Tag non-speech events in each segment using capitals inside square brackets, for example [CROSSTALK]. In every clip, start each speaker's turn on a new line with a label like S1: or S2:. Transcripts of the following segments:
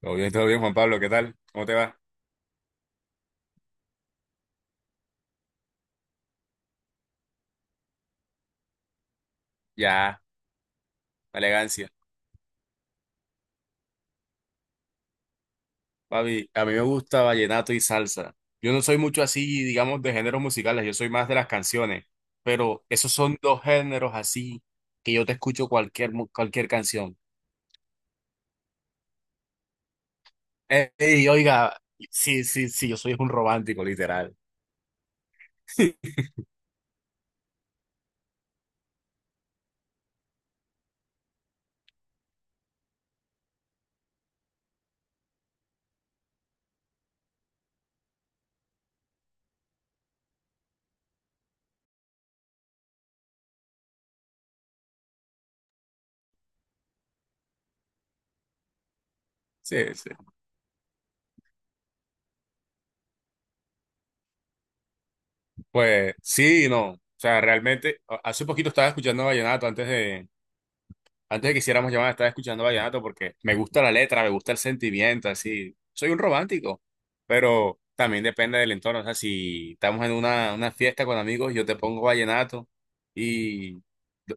S1: Todo bien, Juan Pablo, ¿qué tal? ¿Cómo te va? Ya, la elegancia. Papi, a mí me gusta vallenato y salsa. Yo no soy mucho así, digamos, de géneros musicales, yo soy más de las canciones, pero esos son dos géneros así que yo te escucho cualquier canción. Ey, oiga, sí, sí, sí, yo soy un romántico, literal. [LAUGHS] Sí, sí. Pues sí, y no. O sea, realmente, hace poquito estaba escuchando vallenato antes de que hiciéramos llamada, estaba escuchando vallenato porque me gusta la letra, me gusta el sentimiento, así. Soy un romántico, pero también depende del entorno. O sea, si estamos en una fiesta con amigos, yo te pongo vallenato y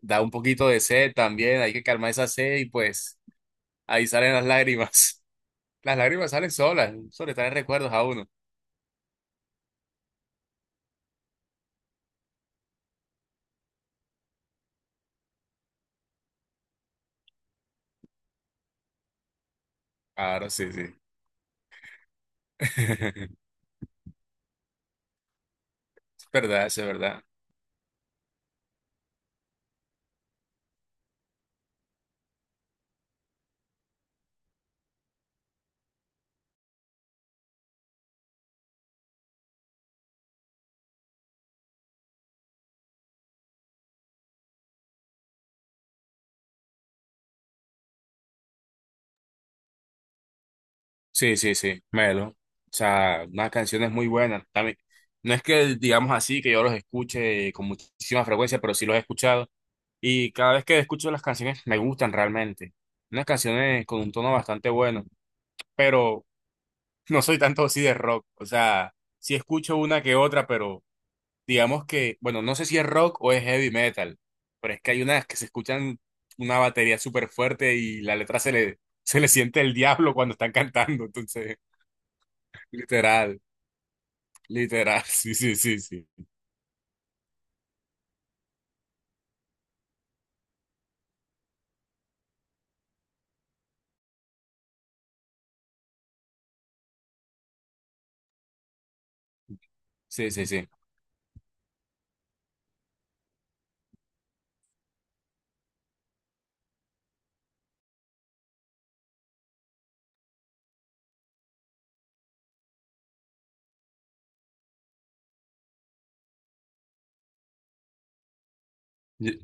S1: da un poquito de sed también, hay que calmar esa sed y pues ahí salen las lágrimas. [LAUGHS] Las lágrimas salen solas, solo están en recuerdos a uno. Claro, sí, sí. [LAUGHS] Es verdad, eso es verdad. Sí, sí, sí, Melo. O sea, unas canciones muy buenas. También, no es que digamos así que yo los escuche con muchísima frecuencia, pero sí los he escuchado. Y cada vez que escucho las canciones me gustan realmente. Unas canciones con un tono bastante bueno, pero [LAUGHS] no soy tanto así de rock. O sea, sí escucho una que otra, pero digamos que, bueno, no sé si es rock o es heavy metal, pero es que hay unas que se escuchan una batería súper fuerte y la letra se le, [LAUGHS] se le siente el diablo cuando están cantando. Entonces, literal. Literal, [LAUGHS] sí, sí, sí, sí. Sí, sí, sí. Ll-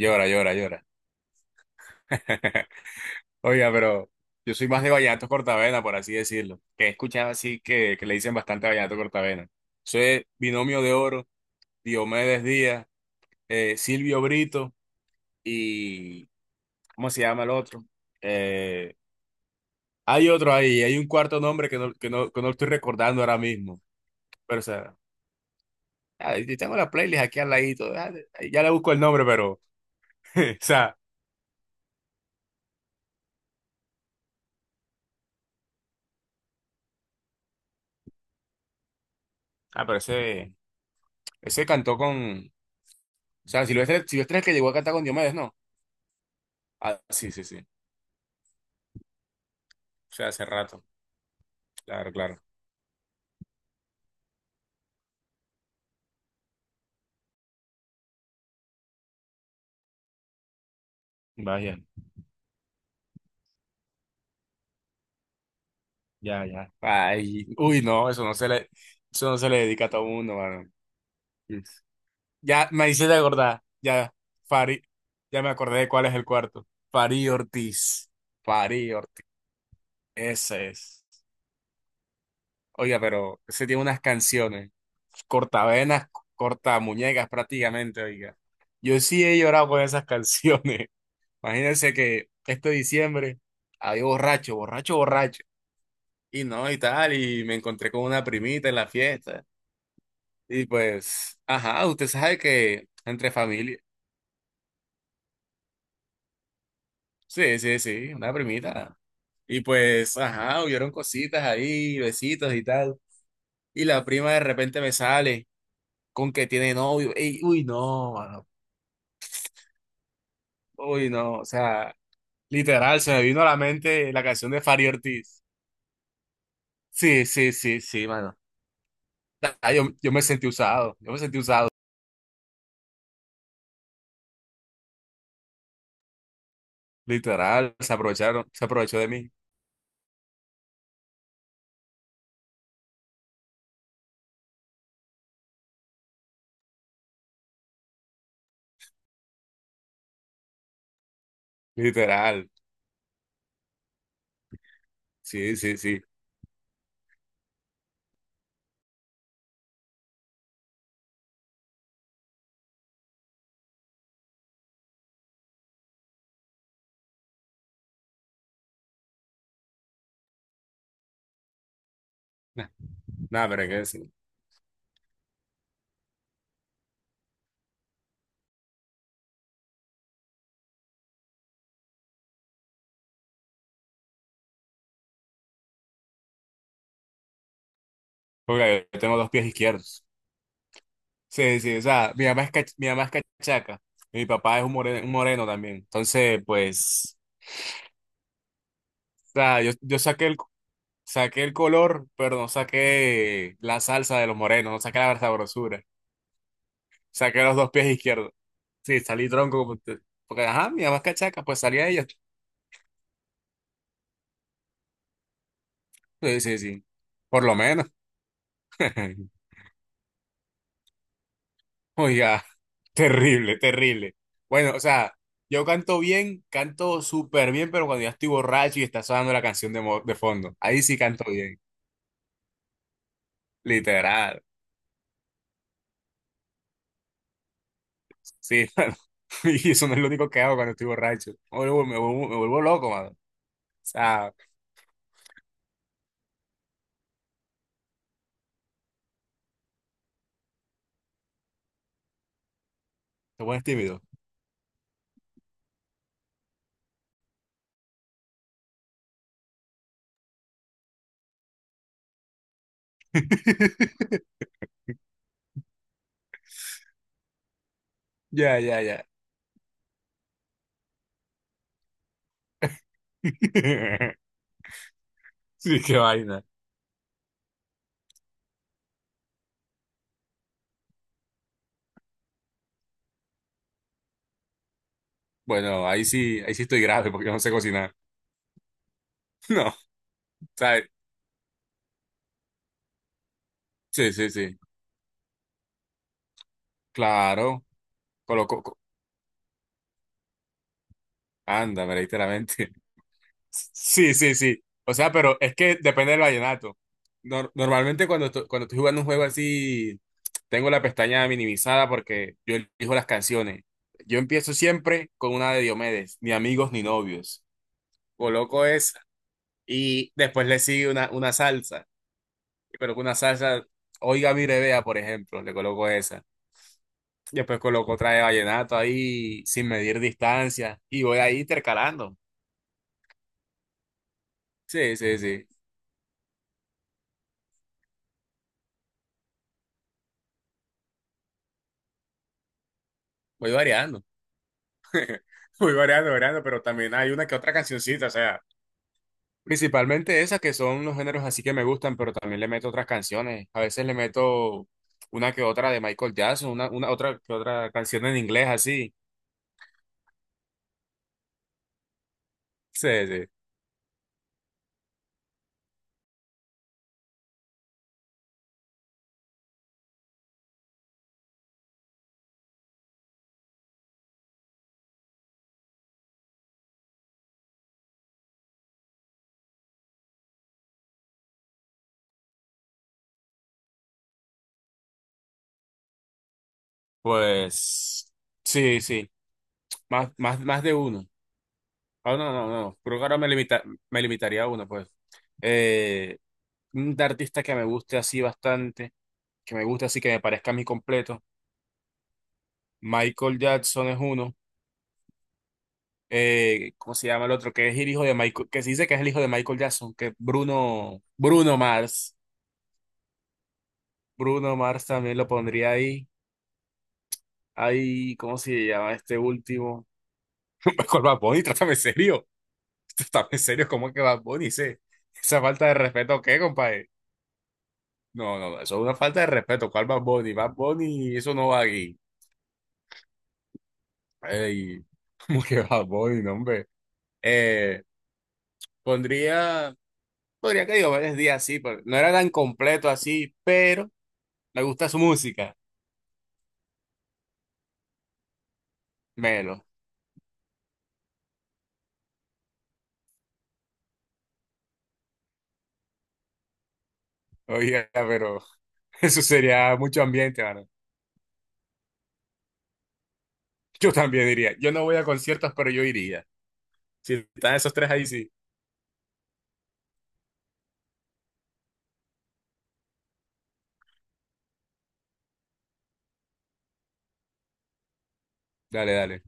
S1: Llora, llora, llora. [LAUGHS] Oiga, pero yo soy más de vallenato cortavena, por así decirlo. Que he escuchado así que le dicen bastante vallenato cortavena. Soy Binomio de Oro, Diomedes Díaz, Silvio Brito y. ¿Cómo se llama el otro? Eh, hay otro ahí, hay un cuarto nombre que no estoy recordando ahora mismo. Pero, o sea, ah, y tengo la playlist aquí al ladito. Ah, ya le busco el nombre, pero. [LAUGHS] O sea, ah, pero ese. Ese cantó con. O sea, Silvestre, Silvestre es el que llegó a cantar con Diomedes, ¿no? Ah, sí, sí, sí. O sea, hace rato. Claro, claro. Vaya, ya, ya. Ay, uy, no, eso no se le dedica a todo mundo, mano. Ya me hice de acordar, ya, Fari, ya me acordé de cuál es el cuarto. Fari Ortiz, Fari Ortiz, ese es. Oiga, pero ese tiene unas canciones, cortavenas, cortamuñecas prácticamente, oiga. Yo sí he llorado con esas [LAUGHS] canciones. Imagínense que este diciembre había borracho, borracho, borracho. Y no, y tal, y me encontré con una primita en la fiesta. Y pues, ajá, usted sabe que entre familia. Sí, sí, sí, una primita. Y pues, ajá, hubieron cositas ahí, besitos y tal. Y la prima de repente me sale con que tiene novio. Ey, uy, no, mano. Uy, no. O sea, literal, se me vino a la mente la canción de Fari Ortiz. Sí, sí, sí, sí, mano. Ah, yo me sentí usado, yo me sentí usado, literal, se aprovecharon, se aprovechó de mí, literal, sí, sí, sí, nada, pero qué decir, porque yo tengo dos pies izquierdos, sí, sí, o sea, mi mamá es cachaca, y mi papá es un moreno también, entonces, pues, o sea, yo saqué el color, pero no saqué la salsa de los morenos, no saqué la sabrosura, saqué los dos pies izquierdos, sí, salí tronco, porque, ajá, mi mamá es cachaca, pues salí a ella, sí, sí, sí, por lo menos. [LAUGHS] Oiga, terrible, terrible. Bueno, o sea, yo canto bien, canto súper bien, pero cuando ya estoy borracho y está sonando la canción de fondo, ahí sí canto bien, literal. Sí, [LAUGHS] mano, y eso no es lo único que hago cuando estoy borracho. Me vuelvo loco, mano. O sea, te pones tímido. [LAUGHS] Ya, ya, ya. [LAUGHS] Sí, qué vaina. Bueno, ahí sí estoy grave porque no sé cocinar. [LAUGHS] No, ¿sabes? Sí, sí, sí. Claro. Anda, pero literalmente. [LAUGHS] Sí, sí, sí. O sea, pero es que depende del vallenato. Normalmente cuando estoy jugando un juego así, tengo la pestaña minimizada porque yo elijo las canciones. Yo empiezo siempre con una de Diomedes, ni amigos ni novios. Coloco esa y después le sigue una salsa. Pero con una salsa, oiga mi revea, por ejemplo, le coloco esa. Después coloco otra de vallenato ahí sin medir distancia y voy ahí intercalando. Sí, sí, sí. Voy variando. Muy variado, variado, pero también hay una que otra cancioncita, o sea, principalmente esas que son los géneros así que me gustan, pero también le meto otras canciones. A veces le meto una que otra de Michael Jackson, una otra que otra canción en inglés así. Sí, sí. Pues sí, sí, más, más, más de uno. Ah, no, no, no, creo que ahora me limitaría a uno, pues. Eh, un artista que me guste así bastante, que me guste así, que me parezca a mí completo. Michael Jackson es uno. ¿Cómo se llama el otro? Que es el hijo de Michael, que se dice que es el hijo de Michael Jackson, que Bruno Mars. Bruno Mars también lo pondría ahí. Ahí, ¿cómo se llama este último? [LAUGHS] ¿Cuál Bad Bunny? Trátame serio. Trátame serio, ¿cómo es que Bad Bunny? ¿Esa falta de respeto qué, compadre? No, no, no, eso es una falta de respeto. ¿Cuál Bad Bunny? Bad Bunny, eso no va aquí. Ey, [LAUGHS] ¿cómo que Bad Bunny, no, hombre? Eh, pondría, podría que digo varios días así, pero no era tan completo así, pero me gusta su música. Menos. Oiga, pero [LAUGHS] eso sería mucho ambiente, mano. Yo también diría. Yo no voy a conciertos, pero yo iría. Si están esos tres ahí, sí. Dale, dale.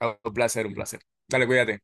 S1: Ah, un placer, un placer. Dale, cuídate.